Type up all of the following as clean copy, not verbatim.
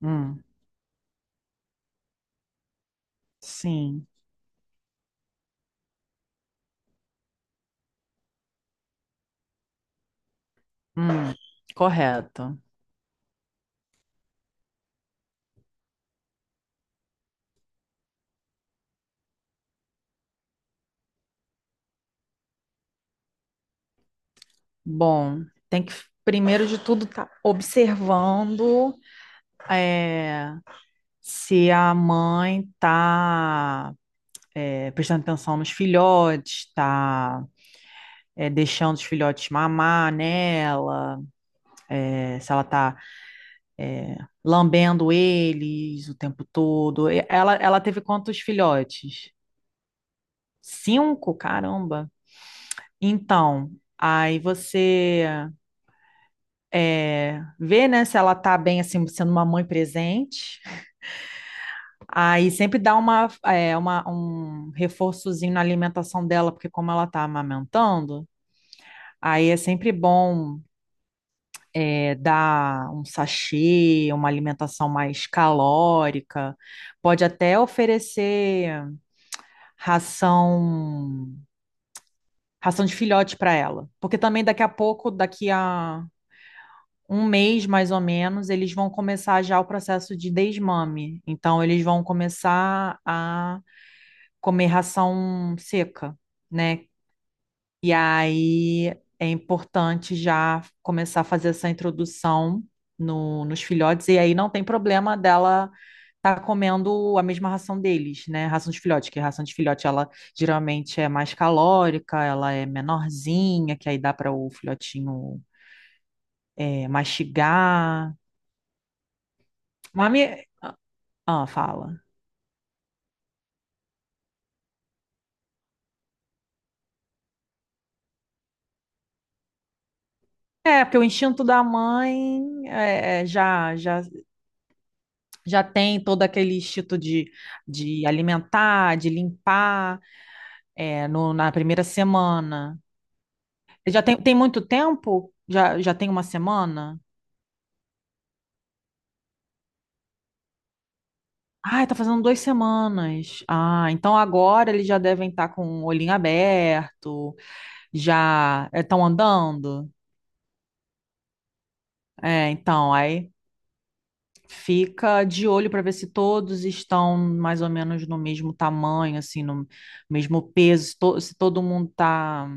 Hum, sim. Hum, correto. Bom, tem que, primeiro de tudo, tá observando é, se a mãe tá prestando atenção nos filhotes, tá deixando os filhotes mamar nela, se ela tá lambendo eles o tempo todo. E ela teve quantos filhotes? Cinco? Caramba. Então, aí ver, né, se ela tá bem, assim, sendo uma mãe presente. Aí sempre dá um reforçozinho na alimentação dela, porque como ela tá amamentando, aí é sempre bom dar um sachê, uma alimentação mais calórica. Pode até oferecer ração, ração de filhote para ela, porque também daqui a pouco, daqui a um mês mais ou menos, eles vão começar já o processo de desmame. Então, eles vão começar a comer ração seca, né? E aí é importante já começar a fazer essa introdução no, nos filhotes, e aí não tem problema dela. Tá comendo a mesma ração deles, né? Ração de filhote, que a ração de filhote ela geralmente é mais calórica, ela é menorzinha, que aí dá para o filhotinho mastigar. Mami, ah, fala. É, porque o instinto da mãe já tem todo aquele instinto de alimentar, de limpar, na primeira semana. Já tem, tem muito tempo? Já tem uma semana? Ah, tá fazendo duas semanas. Ah, então agora eles já devem estar com o olhinho aberto, já estão andando. É, então, aí. Fica de olho para ver se todos estão mais ou menos no mesmo tamanho, assim, no mesmo peso, se todo mundo está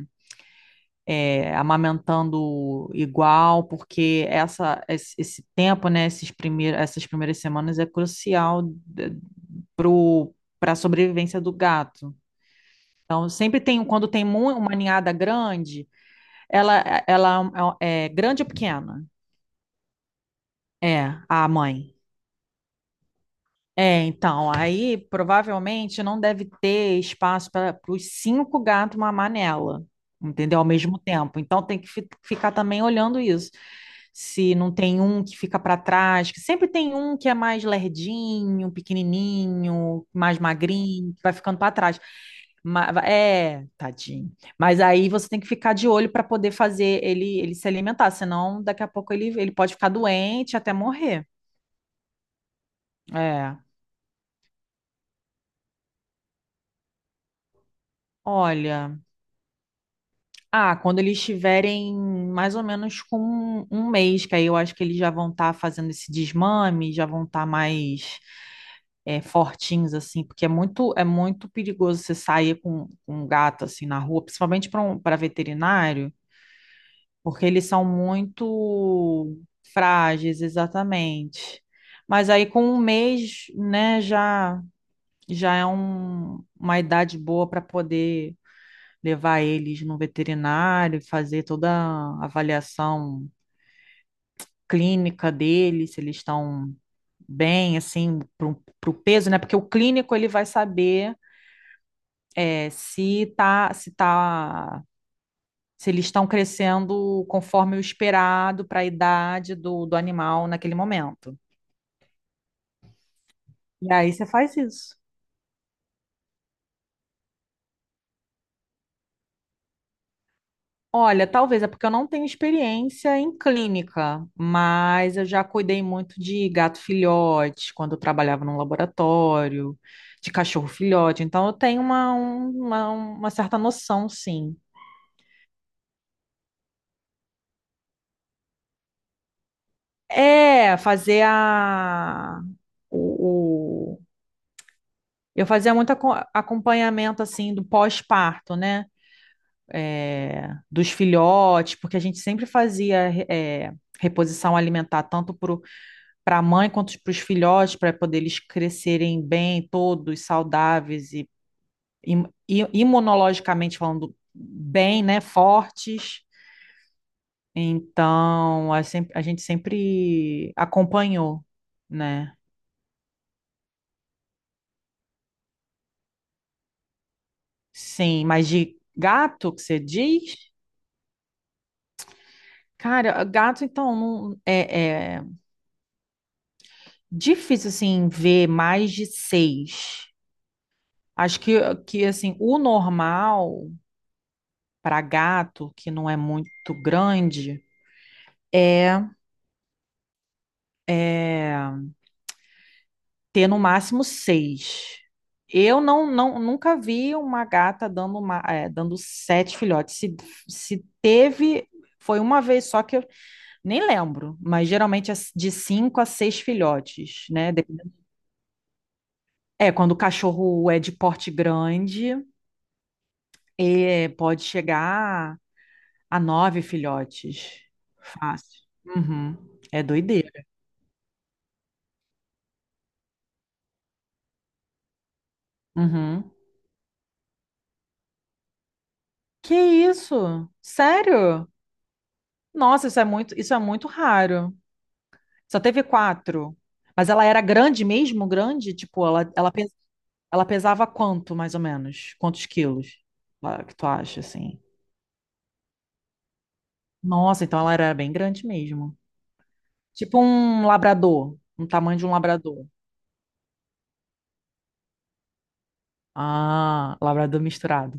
amamentando igual, porque esse tempo, né, essas primeiras semanas é crucial para a sobrevivência do gato. Então, sempre tem, quando tem uma ninhada grande, ela, ela é grande ou pequena? É, a mãe. É, então, aí provavelmente não deve ter espaço para os cinco gatos mamar nela, entendeu? Ao mesmo tempo. Então tem que ficar também olhando isso. Se não tem um que fica para trás, que sempre tem um que é mais lerdinho, pequenininho, mais magrinho, que vai ficando para trás. É, tadinho. Mas aí você tem que ficar de olho para poder fazer ele se alimentar, senão daqui a pouco ele pode ficar doente até morrer. É. Olha. Ah, quando eles estiverem mais ou menos com um mês, que aí eu acho que eles já vão estar fazendo esse desmame, já vão estar mais fortinhos, assim, porque é muito perigoso você sair com um gato assim na rua, principalmente para um, para veterinário, porque eles são muito frágeis, exatamente. Mas aí com um mês, né, já, já é uma idade boa para poder levar eles no veterinário, fazer toda a avaliação clínica deles, se eles estão bem, assim, para o peso, né? Porque o clínico ele vai saber se tá, se eles estão crescendo conforme o esperado para a idade do, do animal naquele momento. E aí você faz isso. Olha, talvez é porque eu não tenho experiência em clínica, mas eu já cuidei muito de gato filhote quando eu trabalhava num laboratório, de cachorro filhote, então eu tenho uma certa noção, sim. É, fazer a. O, o- eu fazia muito acompanhamento, assim, do pós-parto, né? Dos filhotes, porque a gente sempre fazia é, reposição alimentar, tanto para para a mãe quanto para os filhotes, para poder eles crescerem bem, todos saudáveis e, imunologicamente falando bem, né, fortes. Então, a, sem- a gente sempre acompanhou, né? Sim, mas de gato que você diz? Cara, gato, então, não, é difícil, assim, ver mais de seis. Acho que assim, o normal para gato, que não é muito grande, é é ter no máximo seis. Eu não nunca vi uma gata dando, uma, é, dando sete filhotes. Se teve, foi uma vez só que eu nem lembro, mas geralmente é de cinco a seis filhotes, né? De- É, quando o cachorro é de porte grande, pode chegar a nove filhotes. Fácil. Uhum. É doideira. Uhum. Que isso? Sério? Nossa, isso é muito raro. Só teve quatro. Mas ela era grande mesmo, grande? Tipo, ela pesava quanto, mais ou menos? Quantos quilos? Ah, que tu acha, assim? Nossa, então ela era bem grande mesmo. Tipo um labrador, um tamanho de um labrador. Ah, labrador misturado.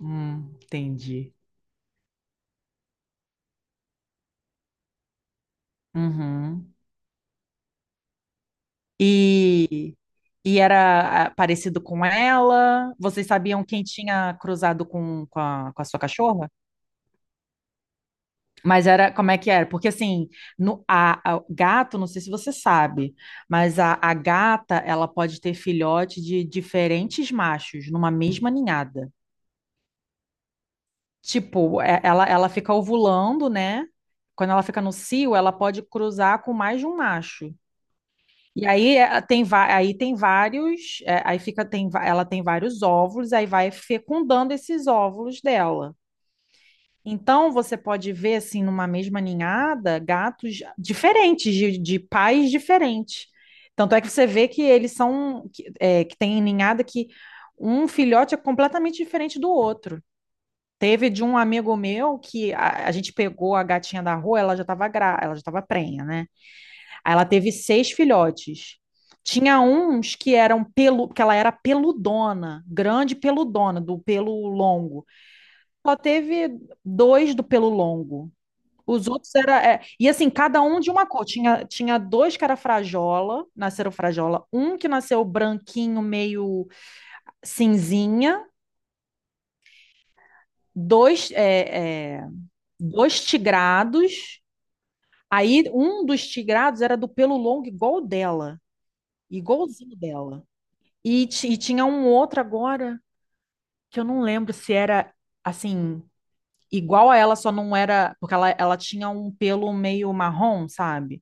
Entendi. Uhum. E, e era ah, parecido com ela? Vocês sabiam quem tinha cruzado com com a sua cachorra? Mas era, como é que era? Porque assim, gato, não sei se você sabe, mas a gata, ela pode ter filhote de diferentes machos numa mesma ninhada. Tipo, ela fica ovulando, né? Quando ela fica no cio, ela pode cruzar com mais de um macho. E aí aí tem vários, é, aí fica, tem, va- ela tem vários óvulos, aí vai fecundando esses óvulos dela. Então, você pode ver, assim, numa mesma ninhada, gatos diferentes, de pais diferentes. Tanto é que você vê que eles são, que, é, que tem ninhada que um filhote é completamente diferente do outro. Teve de um amigo meu que a gente pegou a gatinha da rua, ela já estava prenha, né? Aí ela teve seis filhotes. Tinha uns que eram pelu, que ela era peludona, grande peludona, do pelo longo. Só teve dois do pelo longo. Os outros era. É, e assim, cada um de uma cor. Tinha dois que era frajola, nasceram frajola. Um que nasceu branquinho, meio cinzinha. Dois, dois tigrados. Aí um dos tigrados era do pelo longo, igual o dela. Igualzinho dela. E, e tinha um outro agora, que eu não lembro se era assim, igual a ela, só não era. Porque ela tinha um pelo meio marrom, sabe?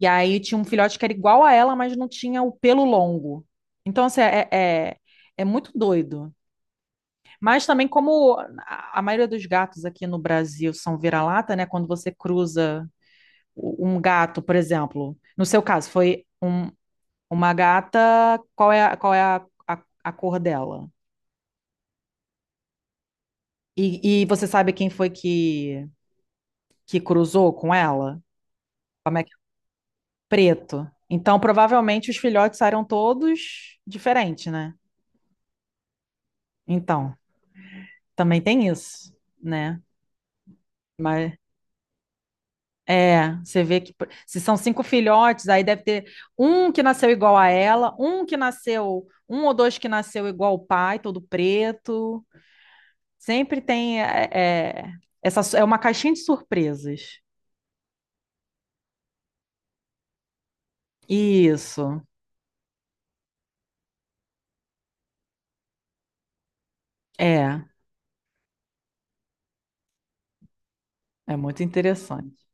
E aí tinha um filhote que era igual a ela, mas não tinha o pelo longo. Então, assim, é, é muito doido. Mas também, como a maioria dos gatos aqui no Brasil são vira-lata, né? Quando você cruza um gato, por exemplo, no seu caso, foi uma gata, qual é a cor dela? E você sabe quem foi que cruzou com ela? Como é que é? Preto. Então, provavelmente, os filhotes saíram todos diferentes, né? Então. Também tem isso, né? Mas é, você vê que se são cinco filhotes, aí deve ter um que nasceu igual a ela, um que nasceu, um ou dois que nasceu igual o pai, todo preto. Sempre tem é, é uma caixinha de surpresas. Isso. É, é muito interessante.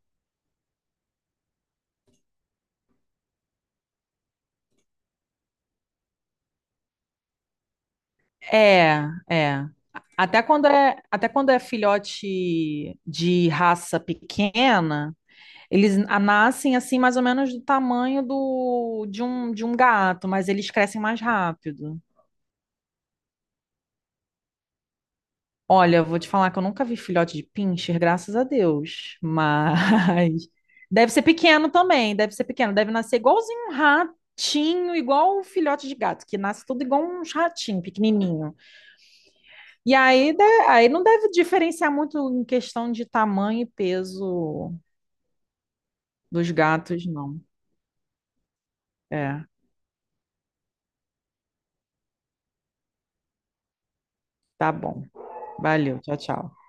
É, é. Até quando é, até quando é filhote de raça pequena, eles nascem assim mais ou menos do tamanho do, de um gato, mas eles crescem mais rápido. Olha, eu vou te falar que eu nunca vi filhote de pincher, graças a Deus. Mas deve ser pequeno também, deve ser pequeno, deve nascer igualzinho um ratinho, igual o filhote de gato, que nasce tudo igual um ratinho pequenininho. E aí, aí não deve diferenciar muito em questão de tamanho e peso dos gatos, não. É, tá bom. Valeu, tchau, tchau.